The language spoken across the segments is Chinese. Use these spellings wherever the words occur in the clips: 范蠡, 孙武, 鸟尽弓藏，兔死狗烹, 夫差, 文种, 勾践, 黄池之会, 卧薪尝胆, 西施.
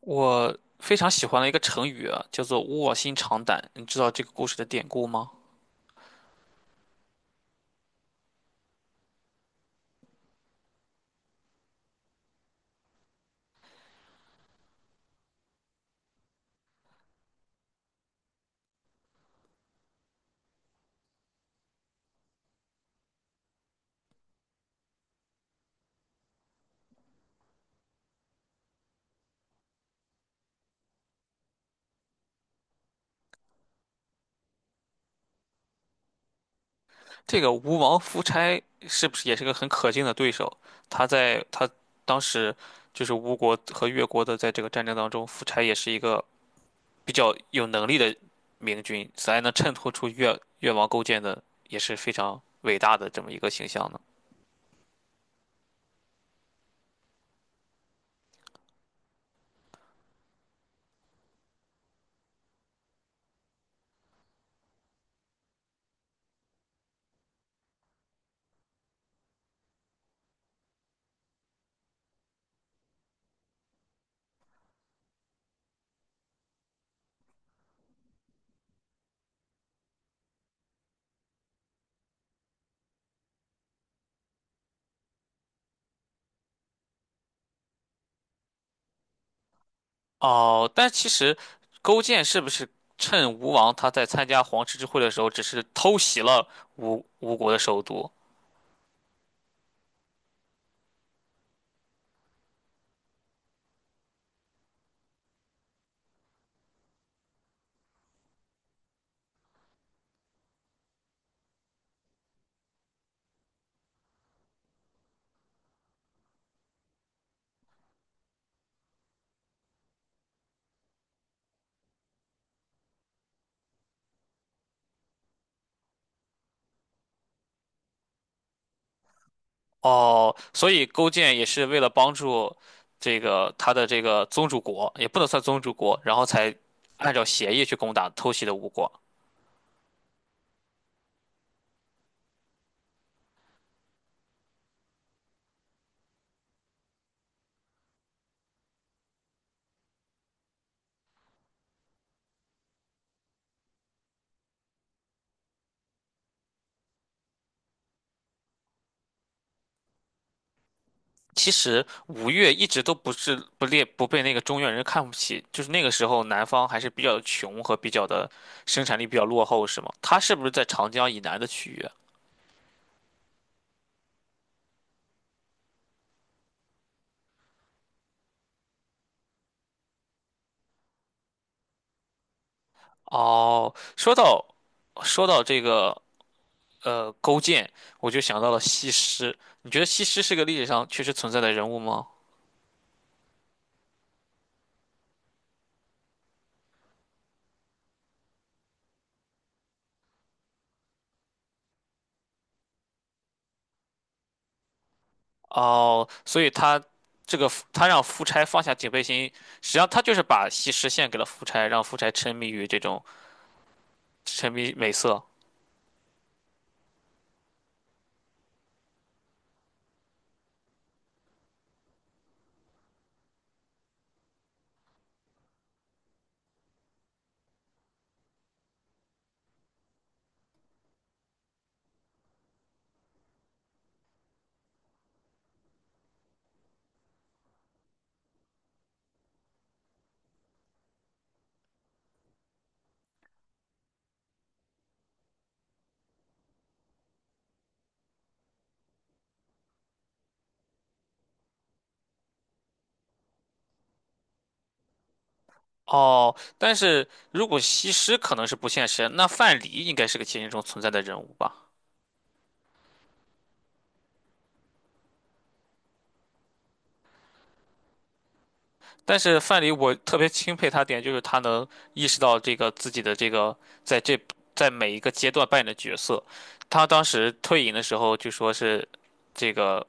我非常喜欢的一个成语啊，叫做"卧薪尝胆"。你知道这个故事的典故吗？这个吴王夫差是不是也是个很可敬的对手？他当时就是吴国和越国的在这个战争当中，夫差也是一个比较有能力的明君，才能衬托出越王勾践的也是非常伟大的这么一个形象呢。哦，但其实勾践是不是趁吴王他在参加黄池之会的时候，只是偷袭了吴国的首都？哦，所以勾践也是为了帮助这个他的这个宗主国，也不能算宗主国，然后才按照协议去攻打偷袭的吴国。其实吴越一直都不是不列不被那个中原人看不起，就是那个时候南方还是比较穷和比较的生产力比较落后，是吗？他是不是在长江以南的区域？哦，说到这个勾践，我就想到了西施。你觉得西施是个历史上确实存在的人物吗？哦，所以他让夫差放下警备心，实际上他就是把西施献给了夫差，让夫差沉迷于这种沉迷美色。哦，但是如果西施可能是不现实，那范蠡应该是个现实中存在的人物吧？但是范蠡，我特别钦佩他点就是他能意识到这个自己的这个在这在每一个阶段扮演的角色。他当时退隐的时候就说是这个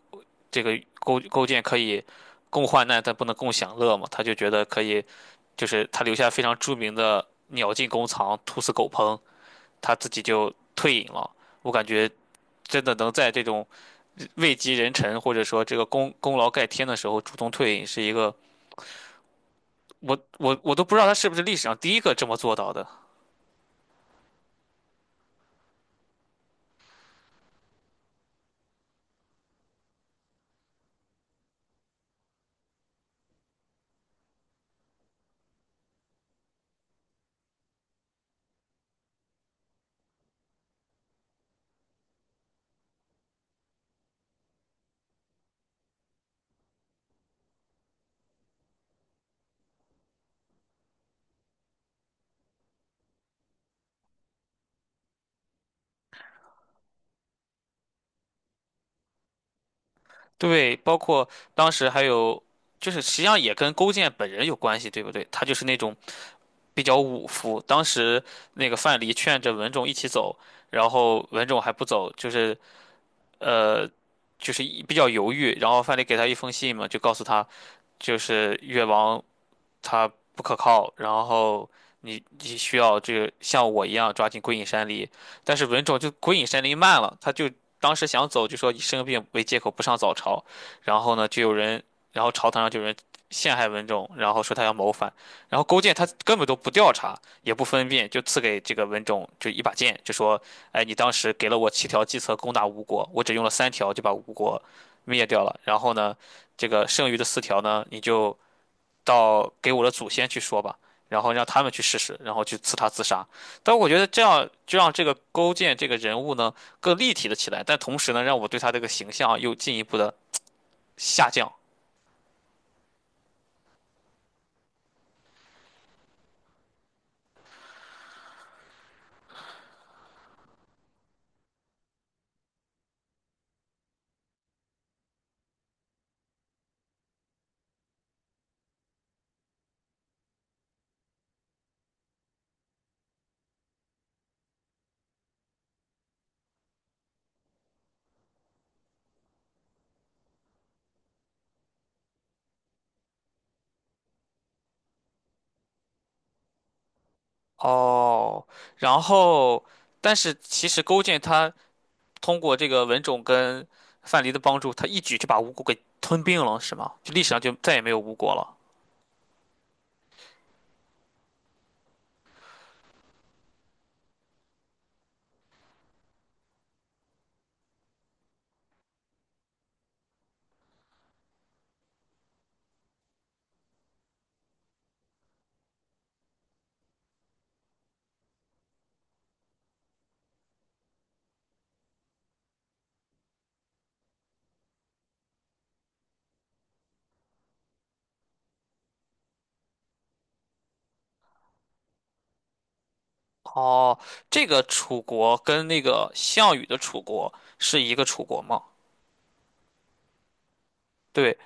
这个勾践可以共患难，但不能共享乐嘛。他就觉得可以，就是他留下非常著名的"鸟尽弓藏，兔死狗烹"，他自己就退隐了。我感觉真的能在这种位极人臣或者说这个功劳盖天的时候主动退隐，是一个。我都不知道他是不是历史上第一个这么做到的。对，包括当时还有，就是实际上也跟勾践本人有关系，对不对？他就是那种比较武夫。当时那个范蠡劝着文种一起走，然后文种还不走，就是呃，就是一比较犹豫。然后范蠡给他一封信嘛，就告诉他，就是越王他不可靠，然后你需要这个像我一样抓紧归隐山林，但是文种就归隐山林慢了，他就当时想走就说以生病为借口不上早朝，然后呢就有人，然后朝堂上就有人陷害文种，然后说他要谋反，然后勾践他根本都不调查也不分辨，就赐给这个文种就一把剑，就说，哎你当时给了我七条计策攻打吴国，我只用了三条就把吴国灭掉了，然后呢这个剩余的四条呢你就。到给我的祖先去说吧，然后让他们去试试，然后去刺他自杀。但我觉得这样就让这个勾践这个人物呢更立体了起来，但同时呢，让我对他这个形象啊又进一步的下降。哦，然后，但是其实勾践他通过这个文种跟范蠡的帮助，他一举就把吴国给吞并了，是吗？就历史上就再也没有吴国了。哦，这个楚国跟那个项羽的楚国是一个楚国吗？对，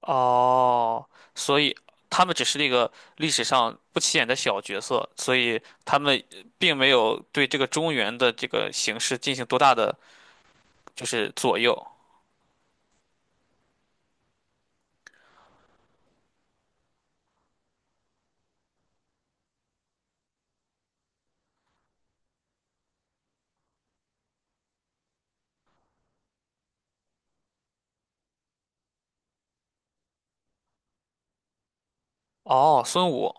哦，所以他们只是那个历史上不起眼的小角色，所以他们并没有对这个中原的这个形势进行多大的就是左右。哦，孙武。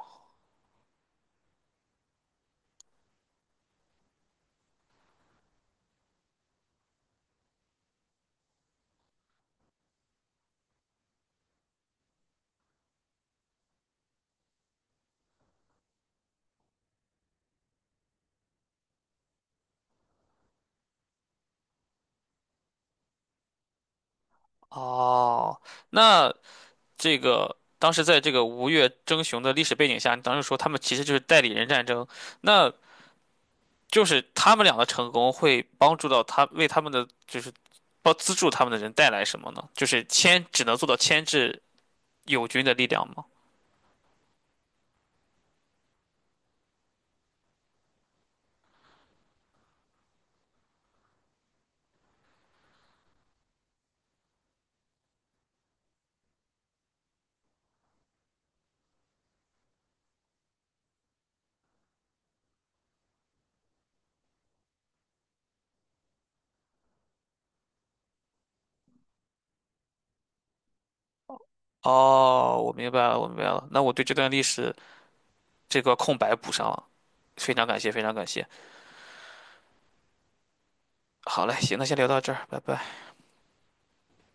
哦，那这个当时在这个吴越争雄的历史背景下，你当时说他们其实就是代理人战争，那就是他们俩的成功会帮助到他，为他们的就是帮资助他们的人带来什么呢？就是牵只能做到牵制友军的力量吗？哦，我明白了，我明白了。那我对这段历史这个空白补上了，非常感谢，非常感谢。好嘞，行，那先聊到这儿，拜拜。